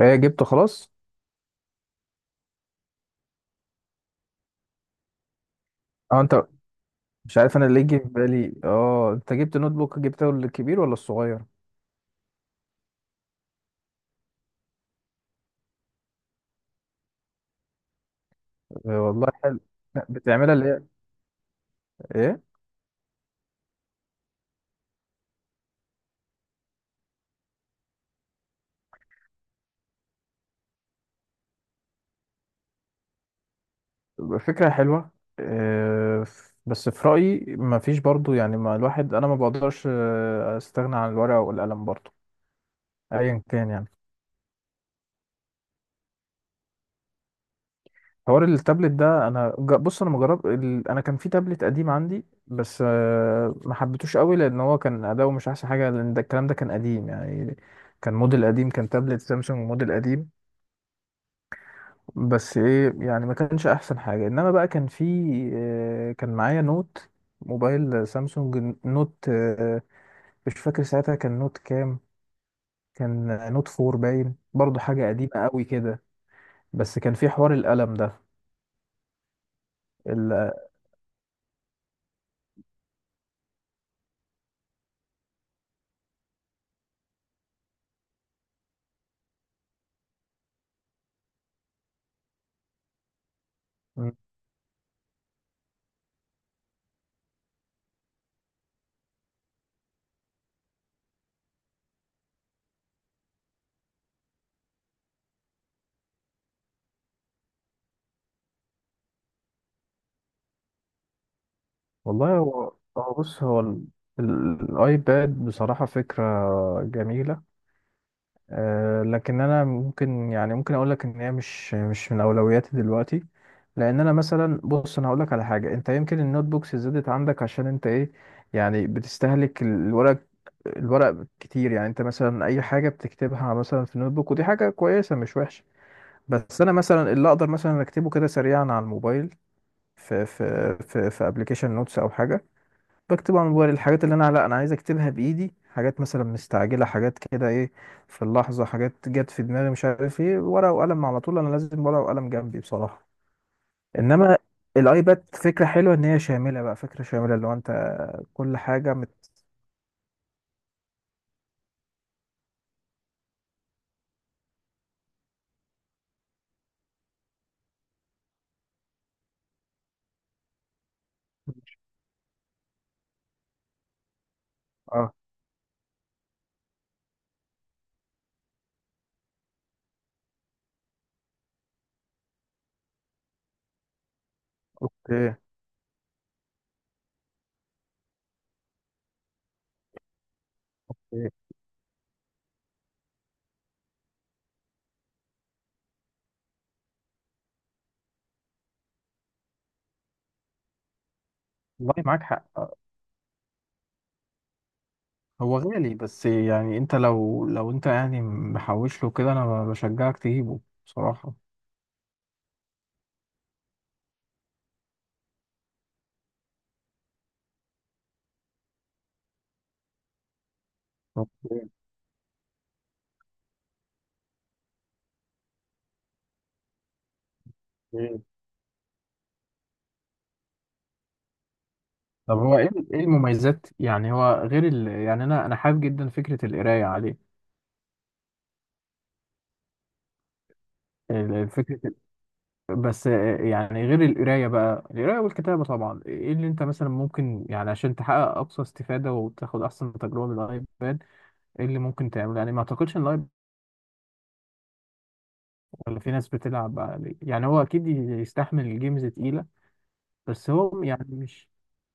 ايه جبته خلاص؟ اه انت، مش عارف انا اللي يجي في بالي. اه انت جبت نوت بوك، جبته الكبير ولا الصغير؟ والله. بتعملها اللي هي ايه. فكرة حلوة. آه، بس في رأيي ما فيش برضو، يعني ما الواحد انا ما بقدرش استغنى عن الورقة والقلم برضو، ايا كان يعني. حوار التابلت ده انا بص انا مجرب انا كان في تابلت قديم عندي، بس ما حبيتوش قوي لان هو كان اداؤه مش احسن حاجة، لان ده الكلام ده كان قديم يعني. كان موديل قديم، كان تابلت سامسونج موديل قديم. بس ايه يعني، ما كانش احسن حاجه، انما بقى كان في كان معايا نوت، موبايل سامسونج نوت. مش فاكر ساعتها كان نوت كام. كان نوت فور باين، برضو حاجه قديمه قوي كده. بس كان في حوار القلم ده. ال... م. والله هو، هو بص هو الايباد بصراحه فكره جميله. لكن انا ممكن، يعني ممكن اقول لك ان هي مش من اولوياتي دلوقتي. لان انا مثلا، بص انا هقول لك على حاجه، انت يمكن النوت بوكس زادت عندك عشان انت ايه، يعني بتستهلك الورق، الورق كتير. يعني انت مثلا اي حاجه بتكتبها مثلا في النوت بوك، ودي حاجه كويسه مش وحشه، بس انا مثلا اللي اقدر مثلا اكتبه كده سريعا على الموبايل، في ابلكيشن نوتس او حاجه، بكتب على موبايل الحاجات اللي انا، لا انا عايز اكتبها بايدي، حاجات مثلا مستعجله، حاجات كده ايه، في اللحظه حاجات جت في دماغي مش عارف ايه، ورقه وقلم على طول، انا لازم ورقه وقلم جنبي بصراحه. انما الايباد فكره حلوه، ان هي شامله بقى، فكره شامله اللي هو انت كل حاجه اه. اوكي. أوكي. والله معاك حق. هو غالي، بس يعني انت لو، لو انت يعني محوش له كده، انا بشجعك تجيبه بصراحه. اوكي. طب هو ايه، ايه المميزات، يعني هو غير يعني انا، انا حابب جدا فكره القرايه عليه، الفكرة. بس يعني غير القرايه بقى، القرايه والكتابه طبعا، ايه اللي انت مثلا ممكن، يعني عشان تحقق اقصى استفاده وتاخد احسن تجربه من الايباد، ايه اللي ممكن تعمله يعني؟ ما اعتقدش ان الايباد، ولا في ناس بتلعب عليه؟ يعني هو اكيد يستحمل الجيمز تقيله، بس هو يعني مش،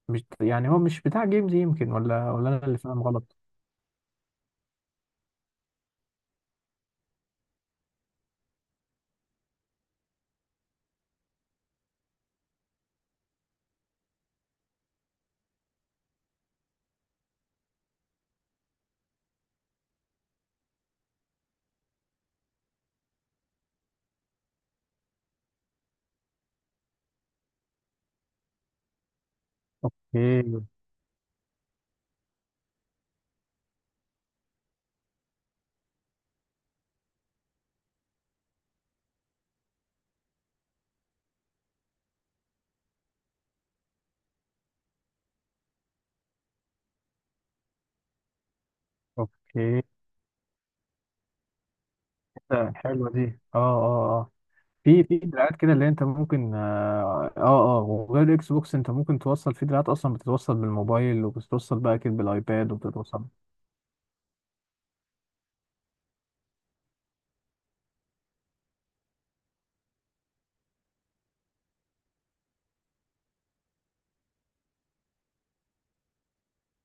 مش يعني هو مش بتاع جيمز يمكن، ولا انا اللي فاهم غلط. اوكي. اوكي. حلوه دي. اه. اه. في، في دراعات كده اللي انت ممكن، اه اه. وغير الاكس بوكس انت ممكن توصل، في دراعات اصلا بتتوصل بالموبايل وبتتوصل بقى كده بالايباد وبتتوصل.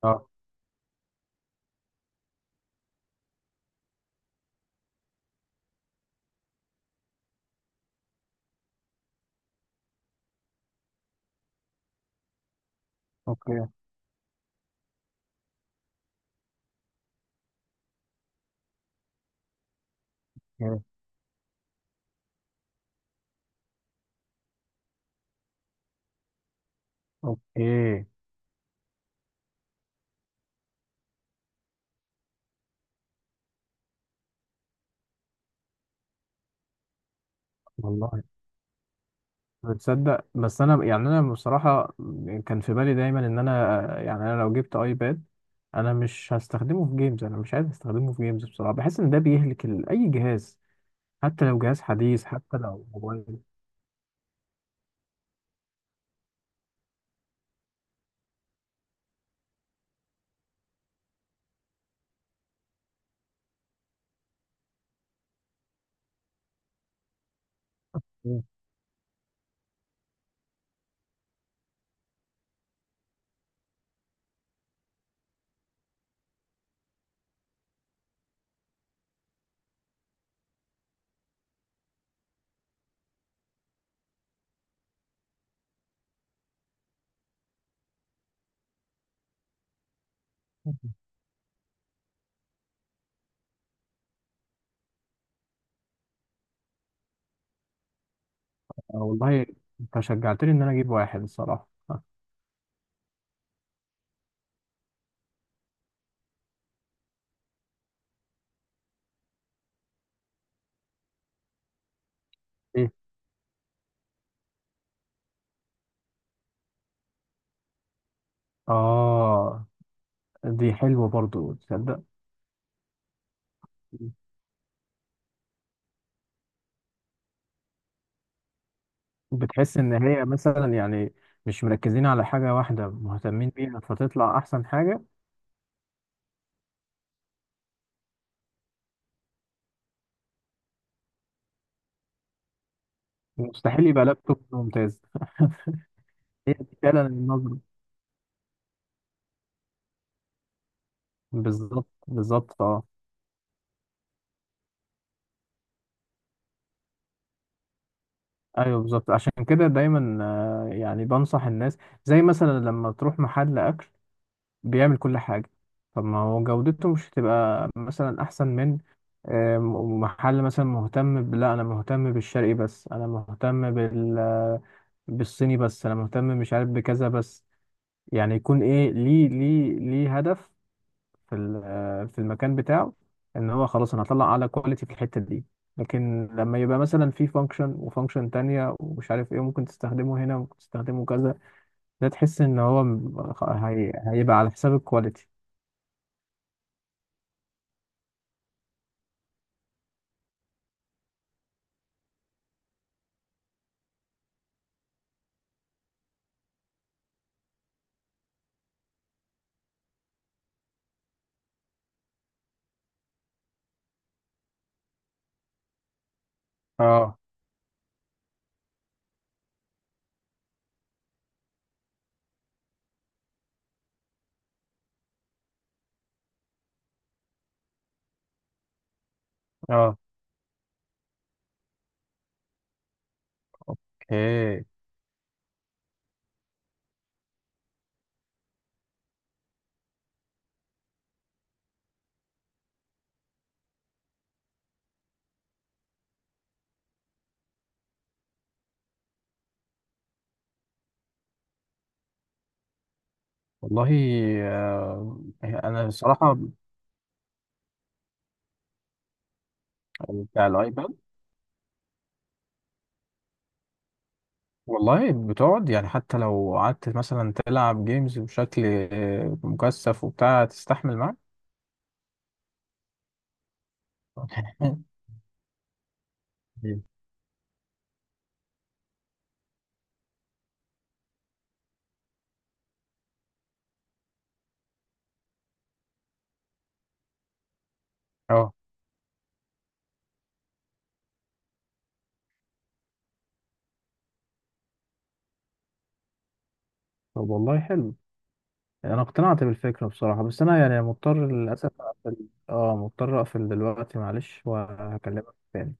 اه. اوكي. اوكي. اوكي. والله بتصدق، بس انا يعني انا بصراحة كان في بالي دايما ان انا يعني انا لو جبت ايباد، انا مش هستخدمه في جيمز، انا مش عايز استخدمه في جيمز بصراحة. بحس ان ده بيهلك اي جهاز، حتى لو جهاز حديث، حتى لو موبايل. مم. والله انت شجعتني ان انا اجيب واحد الصراحة. إيه؟ آه، دي حلوة برضو تصدق. مم. بتحس إن هي مثلا يعني مش مركزين على حاجة واحدة مهتمين بيها فتطلع أحسن حاجة، مستحيل يبقى لابتوب ممتاز. هي دي فعلا النظرة. بالظبط بالظبط اه. أيوه بالظبط، عشان كده دايما يعني بنصح الناس، زي مثلا لما تروح محل أكل بيعمل كل حاجة، طب ما هو جودته مش هتبقى مثلا أحسن من محل مثلا مهتم لا أنا مهتم بالشرقي بس، أنا مهتم بالصيني بس، أنا مهتم مش عارف بكذا بس. يعني يكون إيه، ليه هدف في في المكان بتاعه، إن هو خلاص أنا هطلع أعلى كواليتي في الحتة دي. لكن لما يبقى مثلا في فانكشن وفانكشن تانية ومش عارف ايه، ممكن تستخدمه هنا وممكن تستخدمه كذا، ده تحس ان هو هيبقى على حساب الكواليتي. اه. اه. اوكي. والله انا الصراحه. بتاع الايباد. والله بتقعد، يعني حتى لو قعدت مثلا تلعب جيمز بشكل مكثف وبتاع، تستحمل معاك. اه. طب والله حلو، انا اقتنعت بالفكره بصراحه، بس انا يعني مضطر للاسف اقفل. اه مضطر اقفل دلوقتي معلش، وهكلمك تاني.